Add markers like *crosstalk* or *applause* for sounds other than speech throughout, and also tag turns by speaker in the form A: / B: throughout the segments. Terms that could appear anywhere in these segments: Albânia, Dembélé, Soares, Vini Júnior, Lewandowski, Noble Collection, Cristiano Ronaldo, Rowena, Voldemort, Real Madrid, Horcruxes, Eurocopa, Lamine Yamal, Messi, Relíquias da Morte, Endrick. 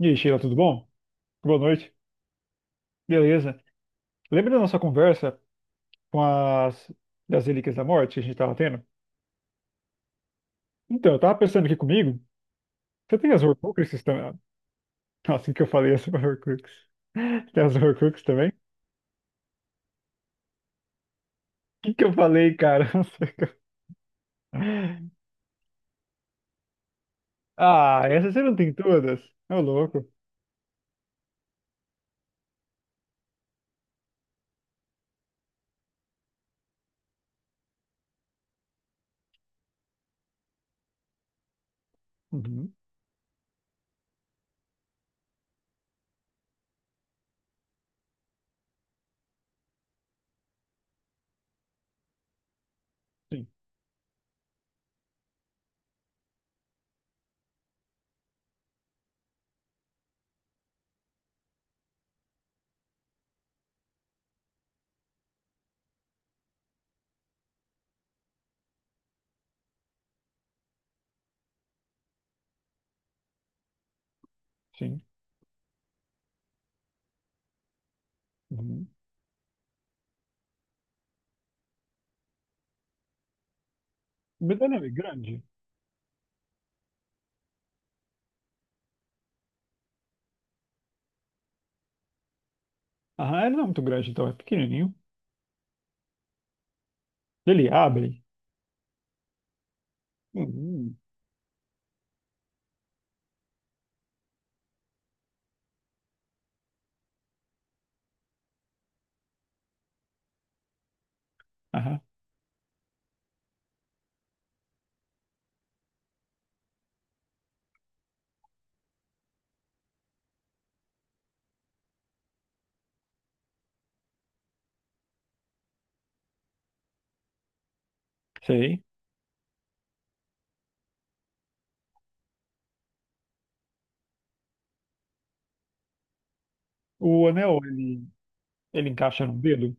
A: E aí, Sheila, tudo bom? Boa noite. Beleza. Lembra da nossa conversa com as das Relíquias da Morte que a gente estava tendo? Então, eu tava pensando aqui comigo, você tem as Horcruxes também? Nossa, o *laughs* que eu falei as Horcrux? *laughs* Tem as Horcruxes também? O que que eu falei, cara? *laughs* Não sei *laughs* Ah, essas você não tem todas? É louco. Uhum. Sim, sim. Uhum. O medalhão é grande? Aham, ele não é muito grande, então, é pequenininho. Ele abre? Uhum. Aham, sei. O anel, ele. Ele encaixa no dedo.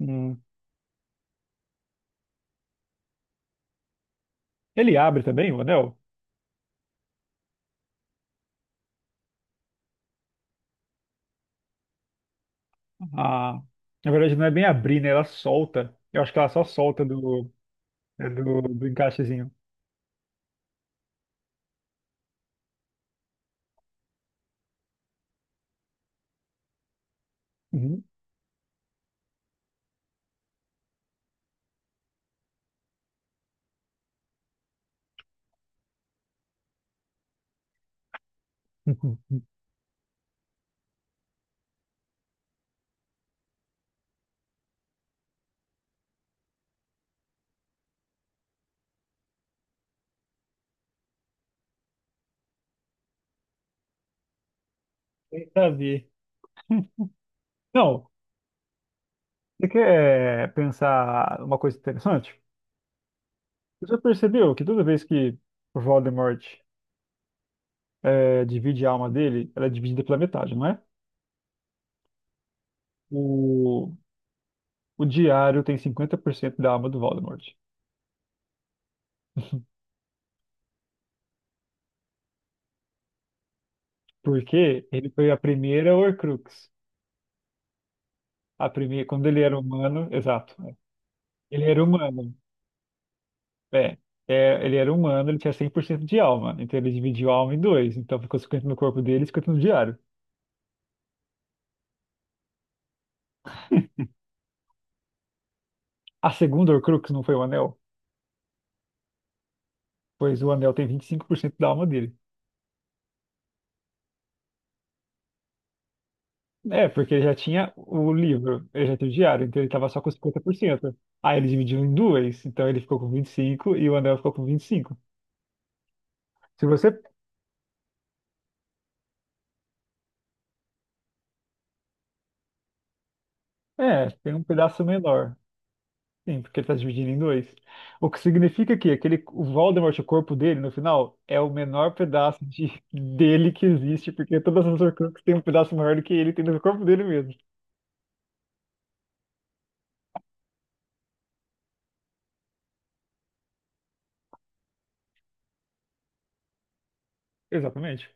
A: Hum. Ele abre também o anel? Ah, na verdade, não é bem abrir, né? Ela solta. Eu acho que ela só solta do encaixezinho. Uhum. *laughs* Bem saber. Não, você quer pensar uma coisa interessante? Você já percebeu que toda vez que o Voldemort divide a alma dele, ela é dividida pela metade, não é? O, o diário tem 50% da alma do Voldemort. Porque ele foi a primeira Horcrux. A primeira, quando ele era humano, exato. É. Ele era humano. É, ele era humano, ele tinha 100% de alma. Então ele dividiu a alma em dois. Então ficou 50 no corpo dele e 50 no diário. A segunda Horcrux não foi o anel? Pois o anel tem 25% da alma dele. É, porque ele já tinha o livro, ele já tinha o diário, então ele tava só com 50%. Aí ele dividiu em duas, então ele ficou com 25 e o anel ficou com 25. Se você. É, tem um pedaço menor. Sim, porque ele tá dividindo em dois. O que significa que aquele, o Voldemort, o corpo dele, no final, é o menor pedaço de, *laughs* dele que existe, porque todas as Horcruxes têm um pedaço maior do que ele tem no corpo dele mesmo. Exatamente.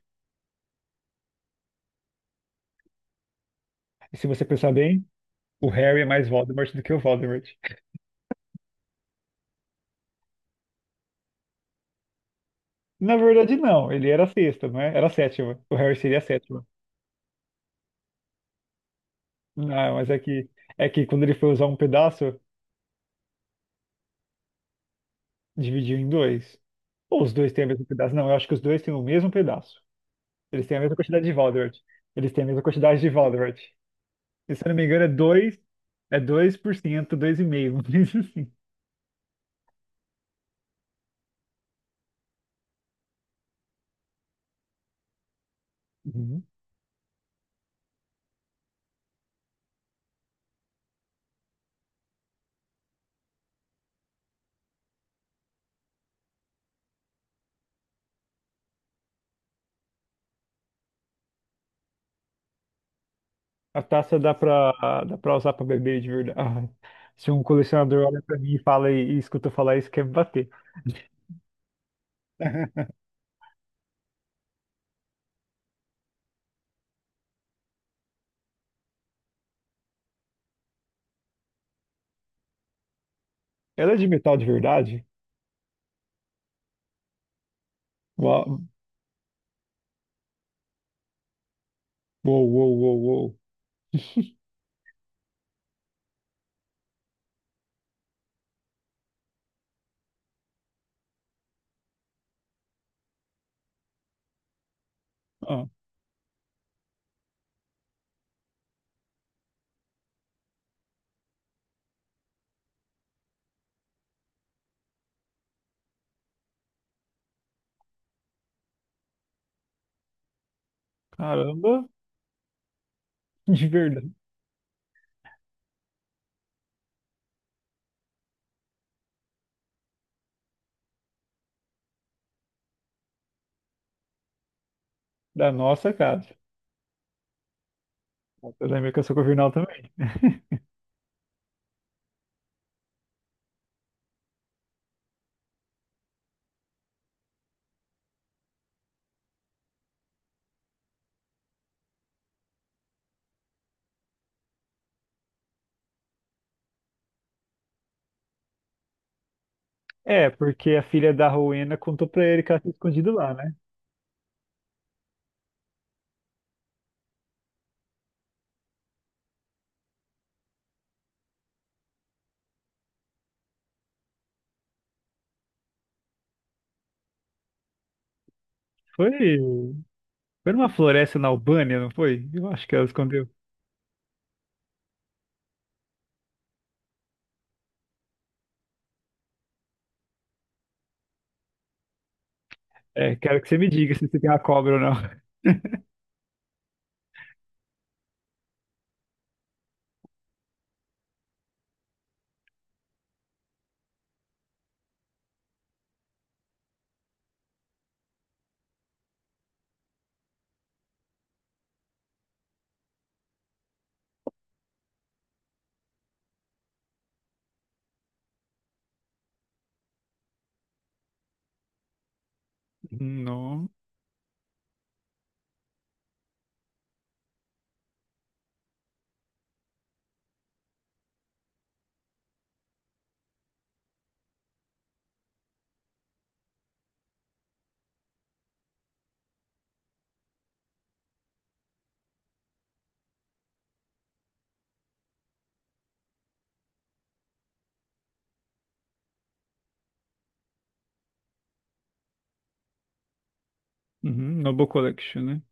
A: E se você pensar bem, o Harry é mais Voldemort do que o Voldemort. Na verdade, não. Ele era a sexta, não é? Era a sétima. O Harry seria a sétima. Não, mas é que quando ele foi usar um pedaço, dividiu em dois. Ou os dois têm o mesmo pedaço? Não, eu acho que os dois têm o mesmo pedaço. Eles têm a mesma quantidade de Voldemort. Eles têm a mesma quantidade de Voldemort. E, se eu não me engano, é 2, é 2%, 2,5%, mas *laughs* assim. Uhum. A taça dá pra usar pra beber de verdade. Ah, se um colecionador olha pra mim e fala e escuta eu falar isso, quer me bater. *laughs* Ela é de metal de verdade? Uau, uou, uou, uou, uou. Ah, caramba, *laughs* de verdade. Da nossa casa. Eu lembro que eu sou corvinal também. *laughs* É, porque a filha da Rowena contou pra ele que ela tinha escondido lá, né? Foi, foi numa floresta na Albânia, não foi? Eu acho que ela escondeu. É, quero que você me diga se você tem uma cobra ou não. *laughs* No, uhum, Noble Collection, né?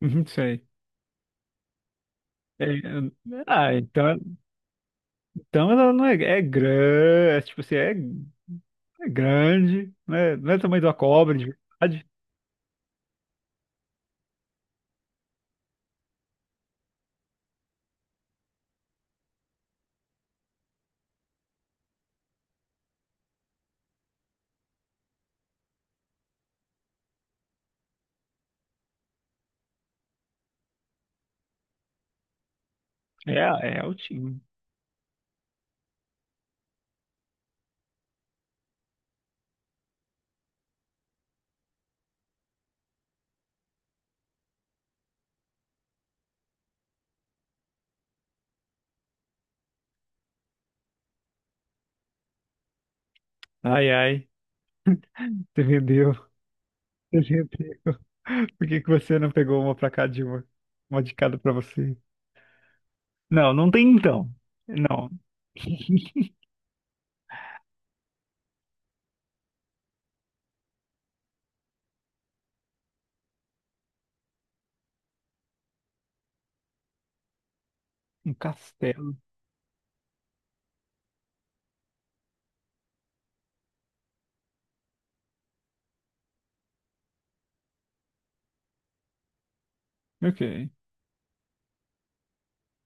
A: Uhum, sei. É, é, ah, então, então ela não é, é grande, é, tipo assim, é, é grande, né? Não é do tamanho de uma cobra, de verdade. É, é altinho. Ai, ai, você vendeu. Você vendeu. *laughs* Por que que você não pegou uma pra cada de uma? Uma de cada pra você? Não, não tem então. Não. *laughs* Um castelo. Ok.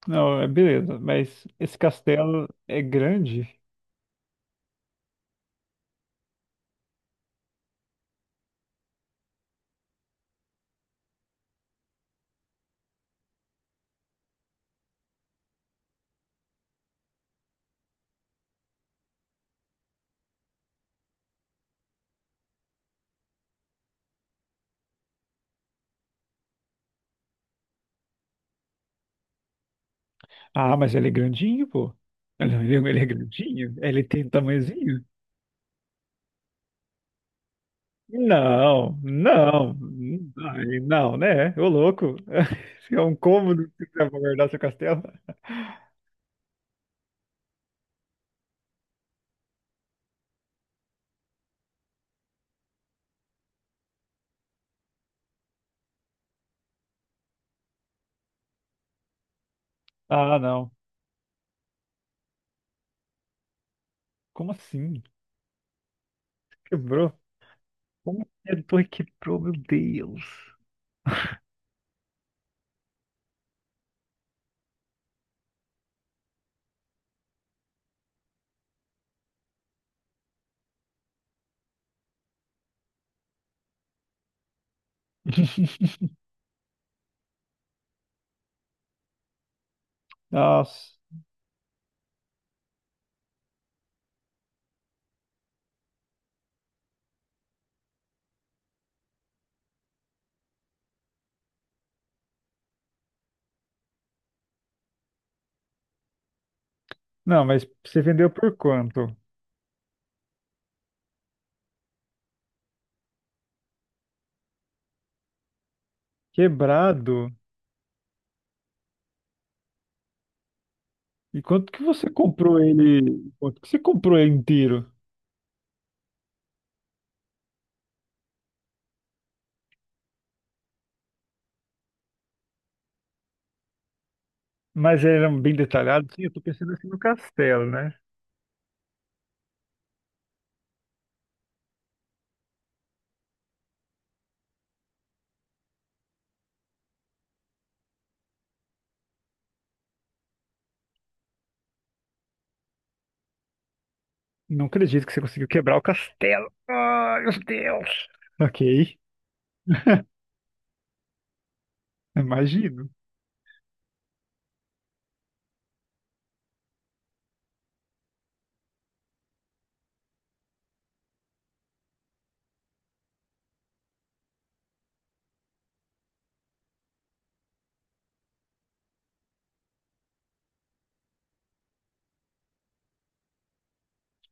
A: Não, é beleza. Mas esse castelo é grande? Ah, mas ele é grandinho, pô. Ele é grandinho? Ele tem tamanhozinho? Não, não. Ai, não, né? Ô louco. *laughs* É um cômodo que você vai guardar seu castelo. *laughs* Ah, não. Como assim? Quebrou? Como que a torre quebrou, meu Deus? *laughs* Nossa. Não, mas você vendeu por quanto? Quebrado? E quanto que você comprou ele? Quanto que você comprou ele inteiro? Mas ele era bem detalhado? Sim, eu tô pensando assim no castelo, né? Não acredito que você conseguiu quebrar o castelo. Ai, meu Deus! Ok, imagino.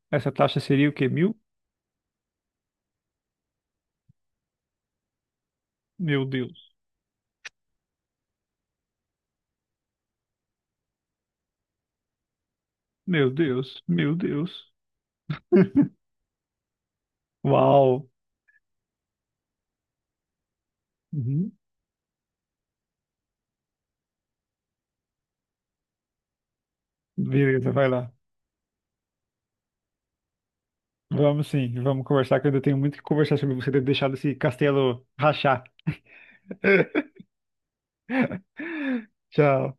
A: Essa taxa seria o quê? Mil? Meu Deus, meu Deus, meu Deus. Uau! Uhum. Beleza, vai lá. Vamos sim, vamos conversar, que eu ainda tenho muito que conversar sobre você ter deixado esse castelo rachar. *laughs* Tchau.